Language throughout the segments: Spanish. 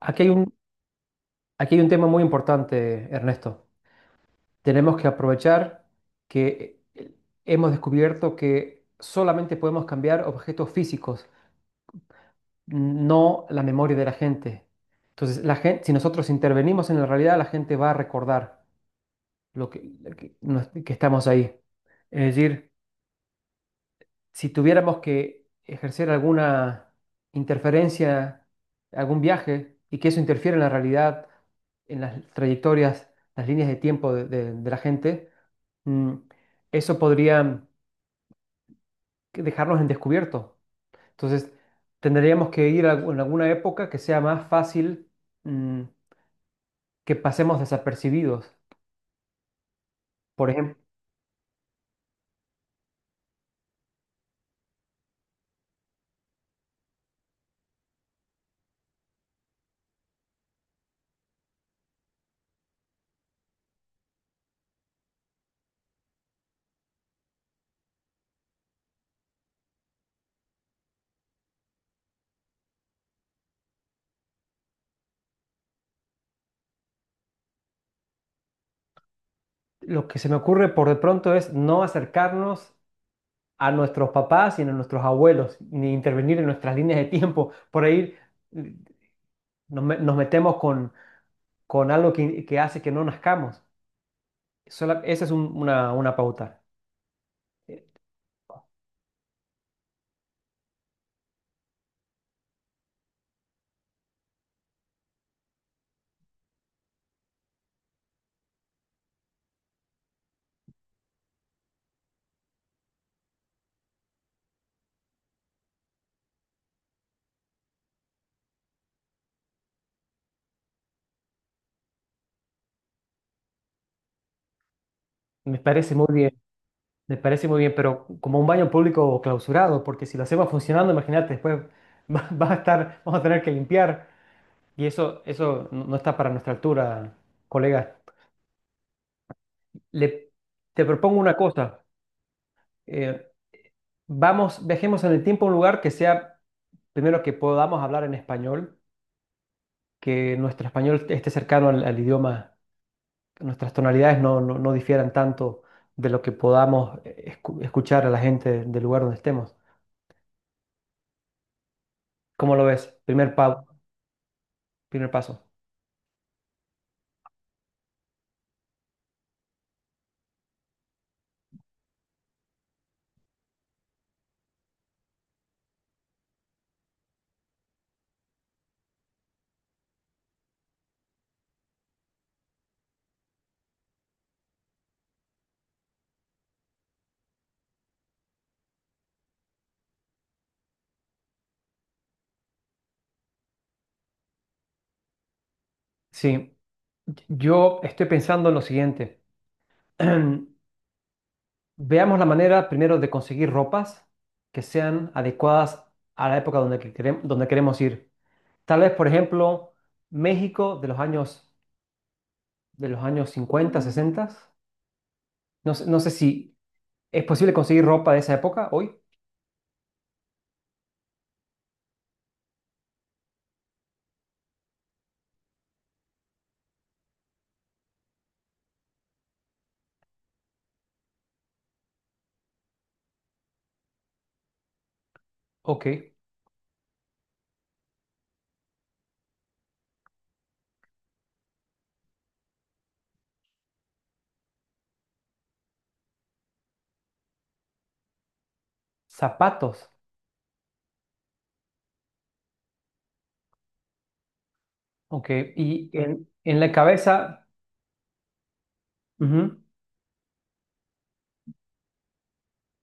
Aquí hay un, aquí hay un tema muy importante, Ernesto. Tenemos que aprovechar que hemos descubierto que solamente podemos cambiar objetos físicos, no la memoria de la gente. Entonces, la gente, si nosotros intervenimos en la realidad, la gente va a recordar lo que que estamos ahí. Es decir, si tuviéramos que ejercer alguna interferencia, algún viaje, y que eso interfiera en la realidad, en las trayectorias, las líneas de tiempo de la gente, mm, eso podría dejarnos en descubierto. Entonces, tendríamos que ir en alguna época que sea más fácil, mm, que pasemos desapercibidos. Por ejemplo, lo que se me ocurre por de pronto es no acercarnos a nuestros papás y a nuestros abuelos, ni intervenir en nuestras líneas de tiempo. Por ahí mm, nos metemos con algo que hace que no nazcamos. Esa es una pauta. Eh, Me parece muy bien, me parece muy bien, pero como un baño público clausurado, porque si lo hacemos funcionando, imagínate, después va a estar, vamos a tener que limpiar y eso no está para nuestra altura, colega. Le, te propongo una cosa. eh, Vamos, viajemos en el tiempo a un lugar que sea primero que podamos hablar en español, que nuestro español esté cercano al idioma, que nuestras tonalidades no difieran tanto de lo que podamos escuchar a la gente del lugar donde estemos. ¿Cómo lo ves? Primer paso. Sí, yo estoy pensando en lo siguiente. Veamos la manera primero de conseguir ropas que sean adecuadas a la época donde queremos ir. Tal vez, por ejemplo, México de los años 50, 60. No sé si es posible conseguir ropa de esa época hoy. Ok. Zapatos. Ok. Y en la cabeza, ujú,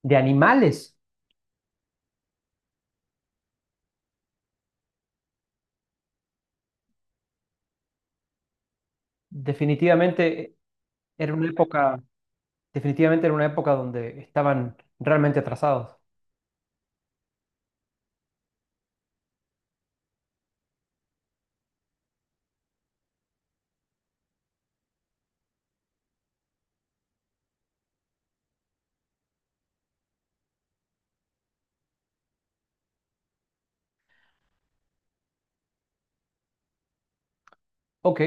de animales. Definitivamente era una época, definitivamente era una época donde estaban realmente atrasados. Ok.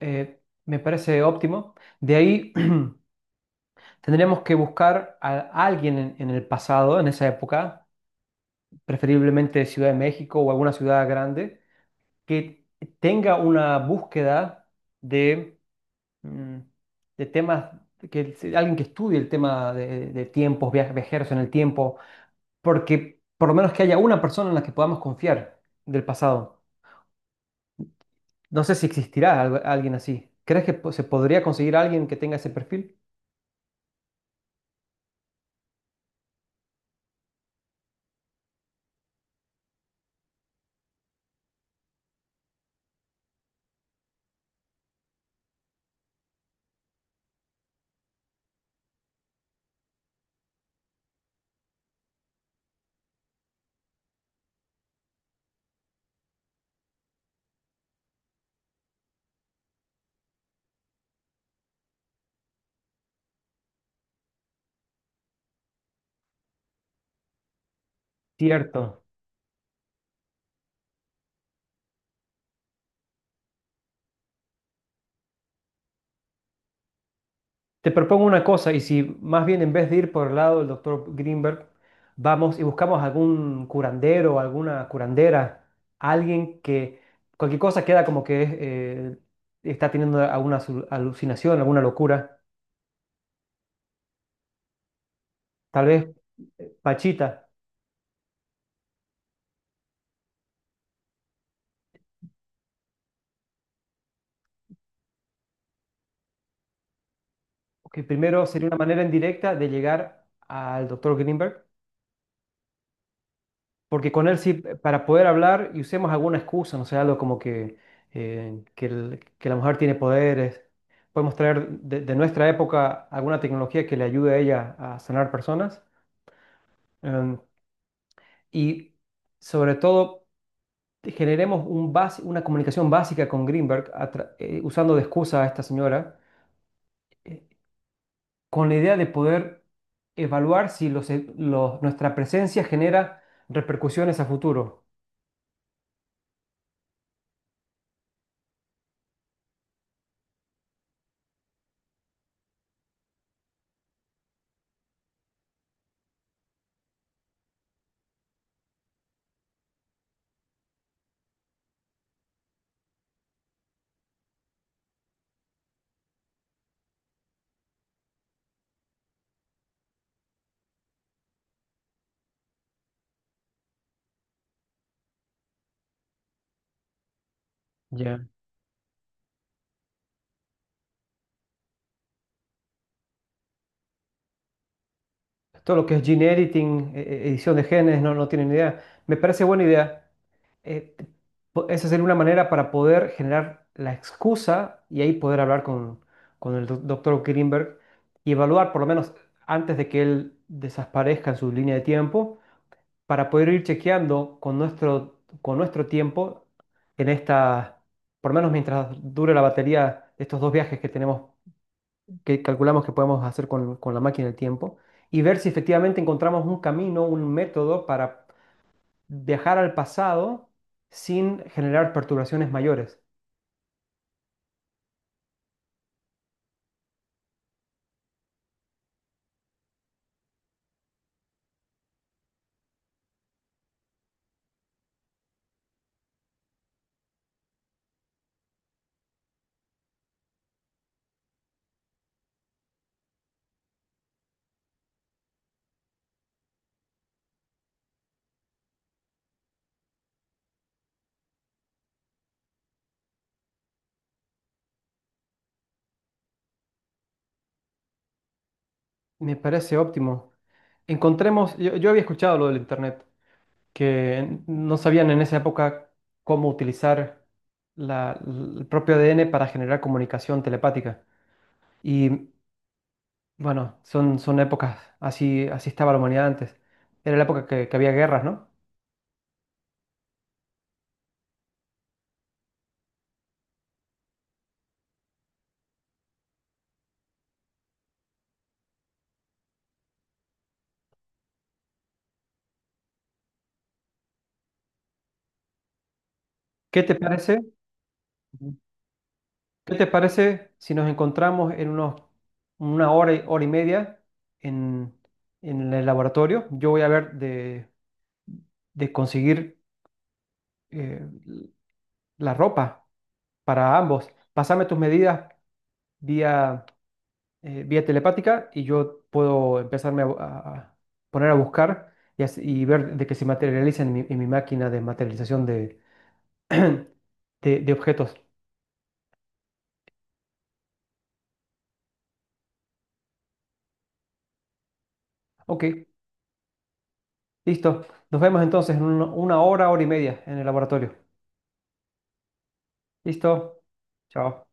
eh, Me parece óptimo. De ahí tendríamos que buscar a alguien en el pasado, en esa época, preferiblemente Ciudad de México o alguna ciudad grande que tenga una búsqueda de, mm, de temas, que alguien que estudie el tema de tiempos, viajeros en el tiempo, porque por lo menos que haya una persona en la que podamos confiar del pasado. No sé si existirá alguien así. ¿Crees que se podría conseguir alguien que tenga ese perfil? Cierto. Te propongo una cosa, y si más bien en vez de ir por el lado del doctor Greenberg, vamos y buscamos algún curandero, alguna curandera, alguien que cualquier cosa queda como que es, está teniendo alguna alucinación, alguna locura, tal vez Pachita, que primero sería una manera indirecta de llegar al doctor Greenberg. Porque con él sí, para poder hablar y usemos alguna excusa, no sé, algo como que, que la mujer tiene poderes. Podemos traer de nuestra época alguna tecnología que le ayude a ella a sanar personas. Em, y sobre todo, generemos un una comunicación básica con Greenberg, a usando de excusa a esta señora, eh, con la idea de poder evaluar si los nuestra presencia genera repercusiones a futuro. Todo lo que es gene editing, edición de genes, no tienen idea. Me parece buena idea. Eh, te- Esa sería una manera para poder generar la excusa y ahí poder hablar con el doctor Greenberg y evaluar, por lo menos antes de que él desaparezca en su línea de tiempo, para poder ir chequeando con nuestro tiempo en esta, por lo menos mientras dure la batería de estos dos viajes que tenemos que calculamos que podemos hacer con la máquina del tiempo y ver si efectivamente encontramos un camino, un método para viajar al pasado sin generar perturbaciones mayores. Me parece óptimo. Encontremos, yo había escuchado lo del Internet, que no sabían en esa época cómo utilizar el propio ADN para generar comunicación telepática. Y bueno, son, son épocas, así, así estaba la humanidad antes. Era la época que había guerras, ¿no? ¿Qué te parece? ¿Qué te parece si nos encontramos en unos, una hora, hora y media en, en el laboratorio? Yo voy a ver de conseguir eh, la ropa para ambos. Pásame tus medidas vía, vía telepática y yo puedo empezarme a, a poner a buscar y, y ver de que se materializa en mi máquina de materialización de, de objetos. Ok, listo. Nos vemos entonces en una hora, hora y media en el laboratorio. Listo. Chao.